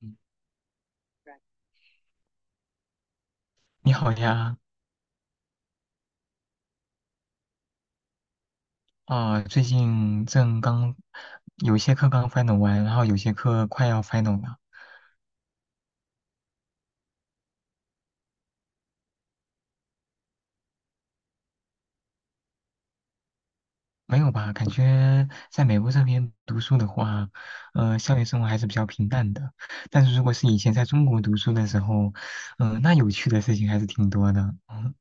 嗯。你 Right 好呀，啊、最近正刚有些课刚 final 完，然后有些课快要 final 了。没有吧？感觉在美国这边读书的话，校园生活还是比较平淡的。但是如果是以前在中国读书的时候，那有趣的事情还是挺多的。嗯。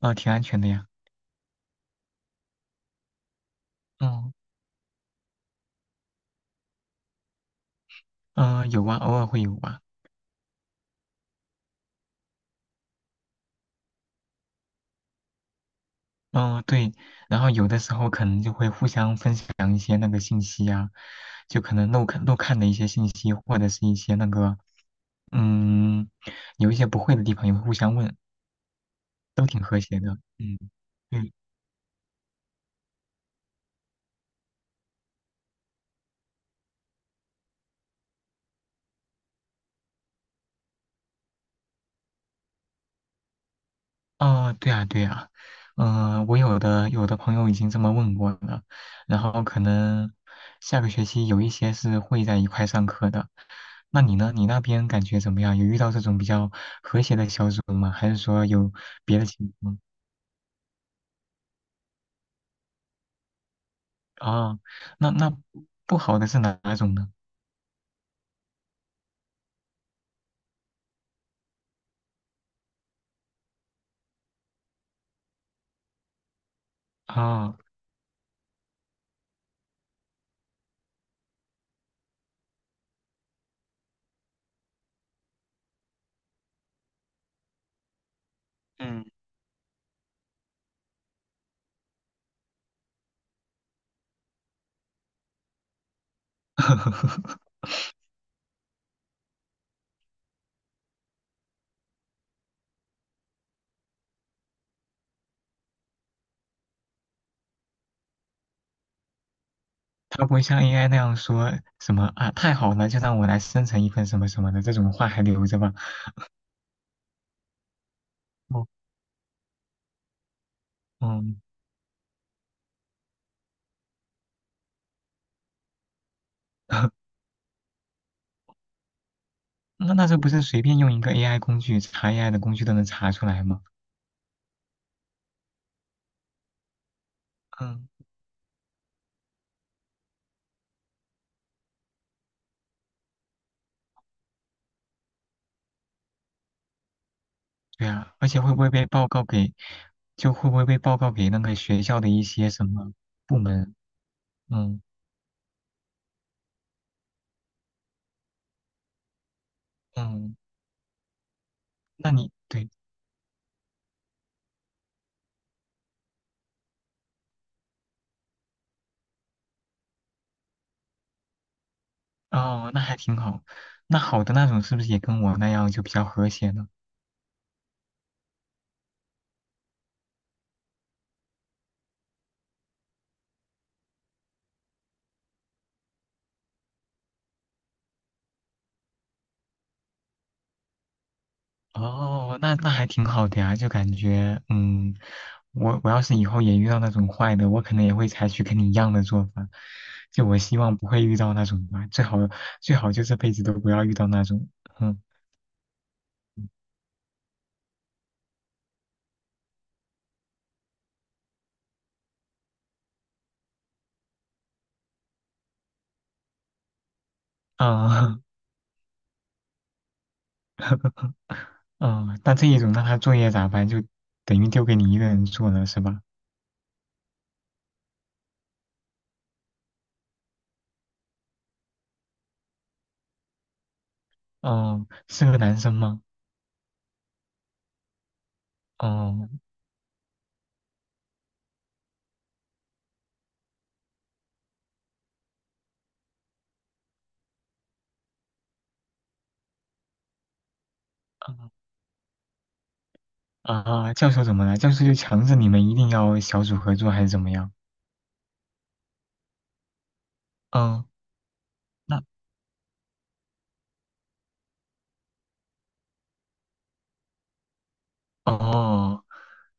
啊、挺安全的呀。嗯，有啊，偶尔会有吧。嗯，对，然后有的时候可能就会互相分享一些那个信息呀、就可能漏看的一些信息，或者是一些那个，嗯，有一些不会的地方也会互相问，都挺和谐的。嗯，对。哦，对啊，对啊，我有的朋友已经这么问过了，然后可能下个学期有一些是会在一块上课的。那你呢？你那边感觉怎么样？有遇到这种比较和谐的小组吗？还是说有别的情况？啊，那不好的是哪种呢？啊，嗯，他不会像 AI 那样说什么啊，太好了，就让我来生成一份什么什么的这种话还留着吧。哦，嗯。那这不是随便用一个 AI 工具查 AI 的工具都能查出来吗？嗯，对啊，而且会不会被报告给那个学校的一些什么部门？嗯。嗯。那你对哦，那还挺好。那好的那种是不是也跟我那样就比较和谐呢？哦，那还挺好的呀，就感觉，我要是以后也遇到那种坏的，我可能也会采取跟你一样的做法，就我希望不会遇到那种吧，最好就这辈子都不要遇到那种。嗯。啊。 嗯，那这一种那他作业咋办？就等于丢给你一个人做了是吧？哦，是个男生吗？哦。啊啊，教授怎么了？教授就强制你们一定要小组合作还是怎么样？嗯。那哦。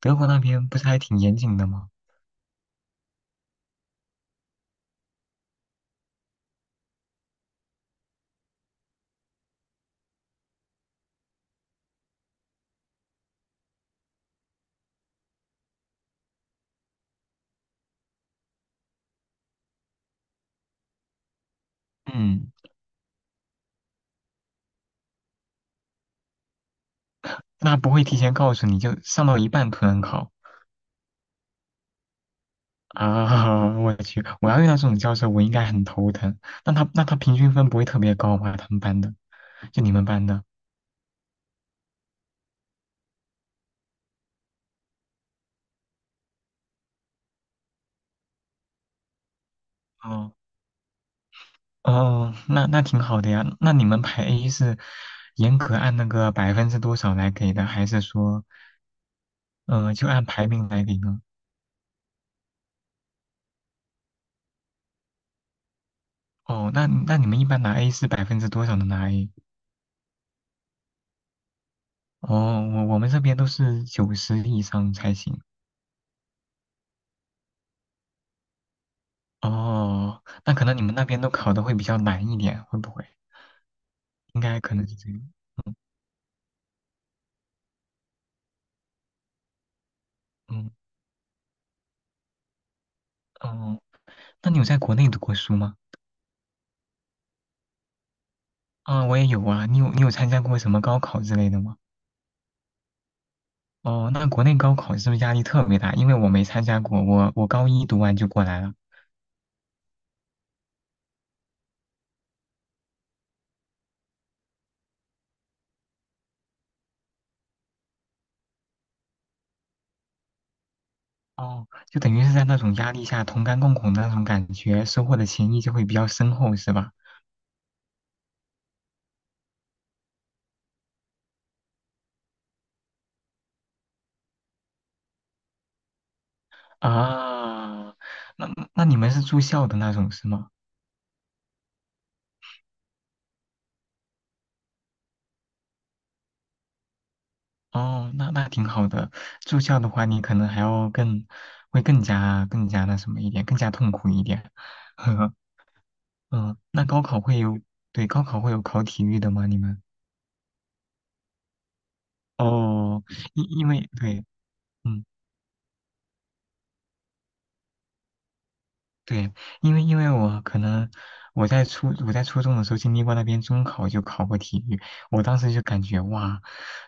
德国那边不是还挺严谨的吗？嗯，那不会提前告诉你就上到一半突然考啊！我去，我要遇到这种教授，我应该很头疼。那他平均分不会特别高吧？他们班的，就你们班的。哦哦，那挺好的呀。那你们排 A 是严格按那个百分之多少来给的，还是说就按排名来给呢？哦，那你们一般拿 A 是百分之多少能拿 A？哦，我们这边都是九十以上才行。哦，那可能你们那边都考的会比较难一点，会不会？应该可能是这样。嗯嗯。哦，那你有在国内读过书吗？啊，我也有啊。你有参加过什么高考之类的吗？哦，那国内高考是不是压力特别大？因为我没参加过，我高一读完就过来了。哦，就等于是在那种压力下同甘共苦的那种感觉，收获的情谊就会比较深厚，是吧？啊，那你们是住校的那种是吗？哦，那挺好的。住校的话，你可能还要更，会更加那什么一点，更加痛苦一点。呵呵。嗯，那高考会有，对，高考会有考体育的吗？你们？哦，因为对，嗯，对，因为我可能我在初中的时候经历过那边中考就考过体育，我当时就感觉哇，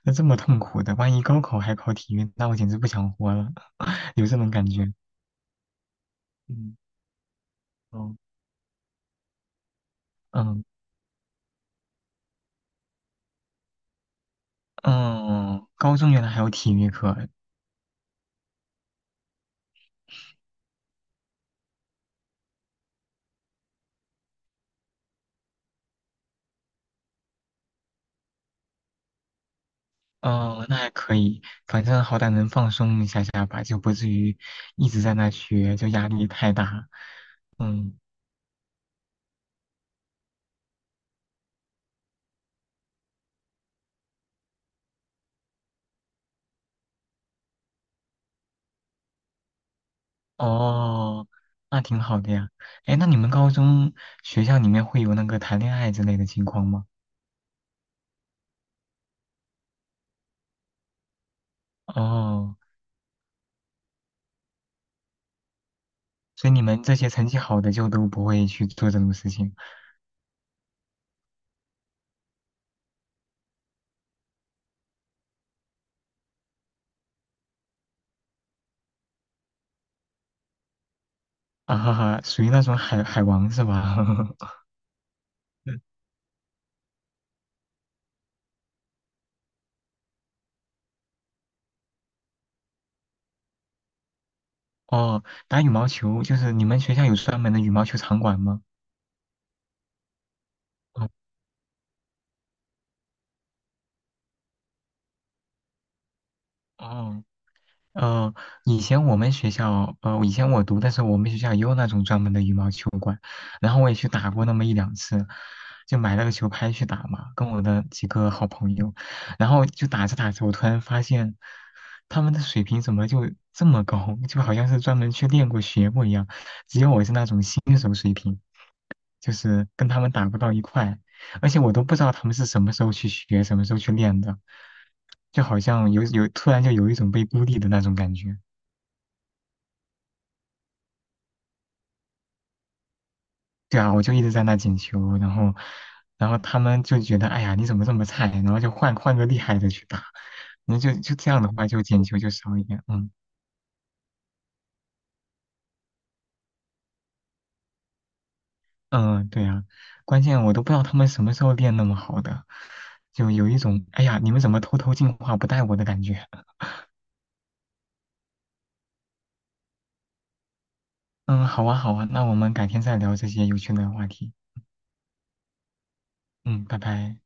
那这么痛苦的，万一高考还考体育，那我简直不想活了。有这种感觉。嗯。哦。嗯，嗯，高中原来还有体育课。哦，那还可以，反正好歹能放松一下下吧，就不至于一直在那学，就压力太大。嗯。哦，那挺好的呀。哎，那你们高中学校里面会有那个谈恋爱之类的情况吗？哦，所以你们这些成绩好的就都不会去做这种事情。啊哈哈，属于那种海王是吧？嗯。哦，打羽毛球就是你们学校有专门的羽毛球场馆吗？哦哦。呃，以前我们学校，以前我读的时候，我们学校也有那种专门的羽毛球馆，然后我也去打过那么一两次，就买了个球拍去打嘛，跟我的几个好朋友，然后就打着打着，我突然发现他们的水平怎么就这么高，就好像是专门去练过、学过一样，因为我是那种新手水平，就是跟他们打不到一块，而且我都不知道他们是什么时候去学、什么时候去练的，就好像有突然就有一种被孤立的那种感觉。对啊，我就一直在那捡球，然后，他们就觉得，哎呀，你怎么这么菜？然后就换个厉害的去打，那就这样的话，就捡球就少一点。嗯。嗯，对啊，关键我都不知道他们什么时候练那么好的，就有一种，哎呀，你们怎么偷偷进化不带我的感觉。嗯，好啊好啊，那我们改天再聊这些有趣的话题。嗯，拜拜。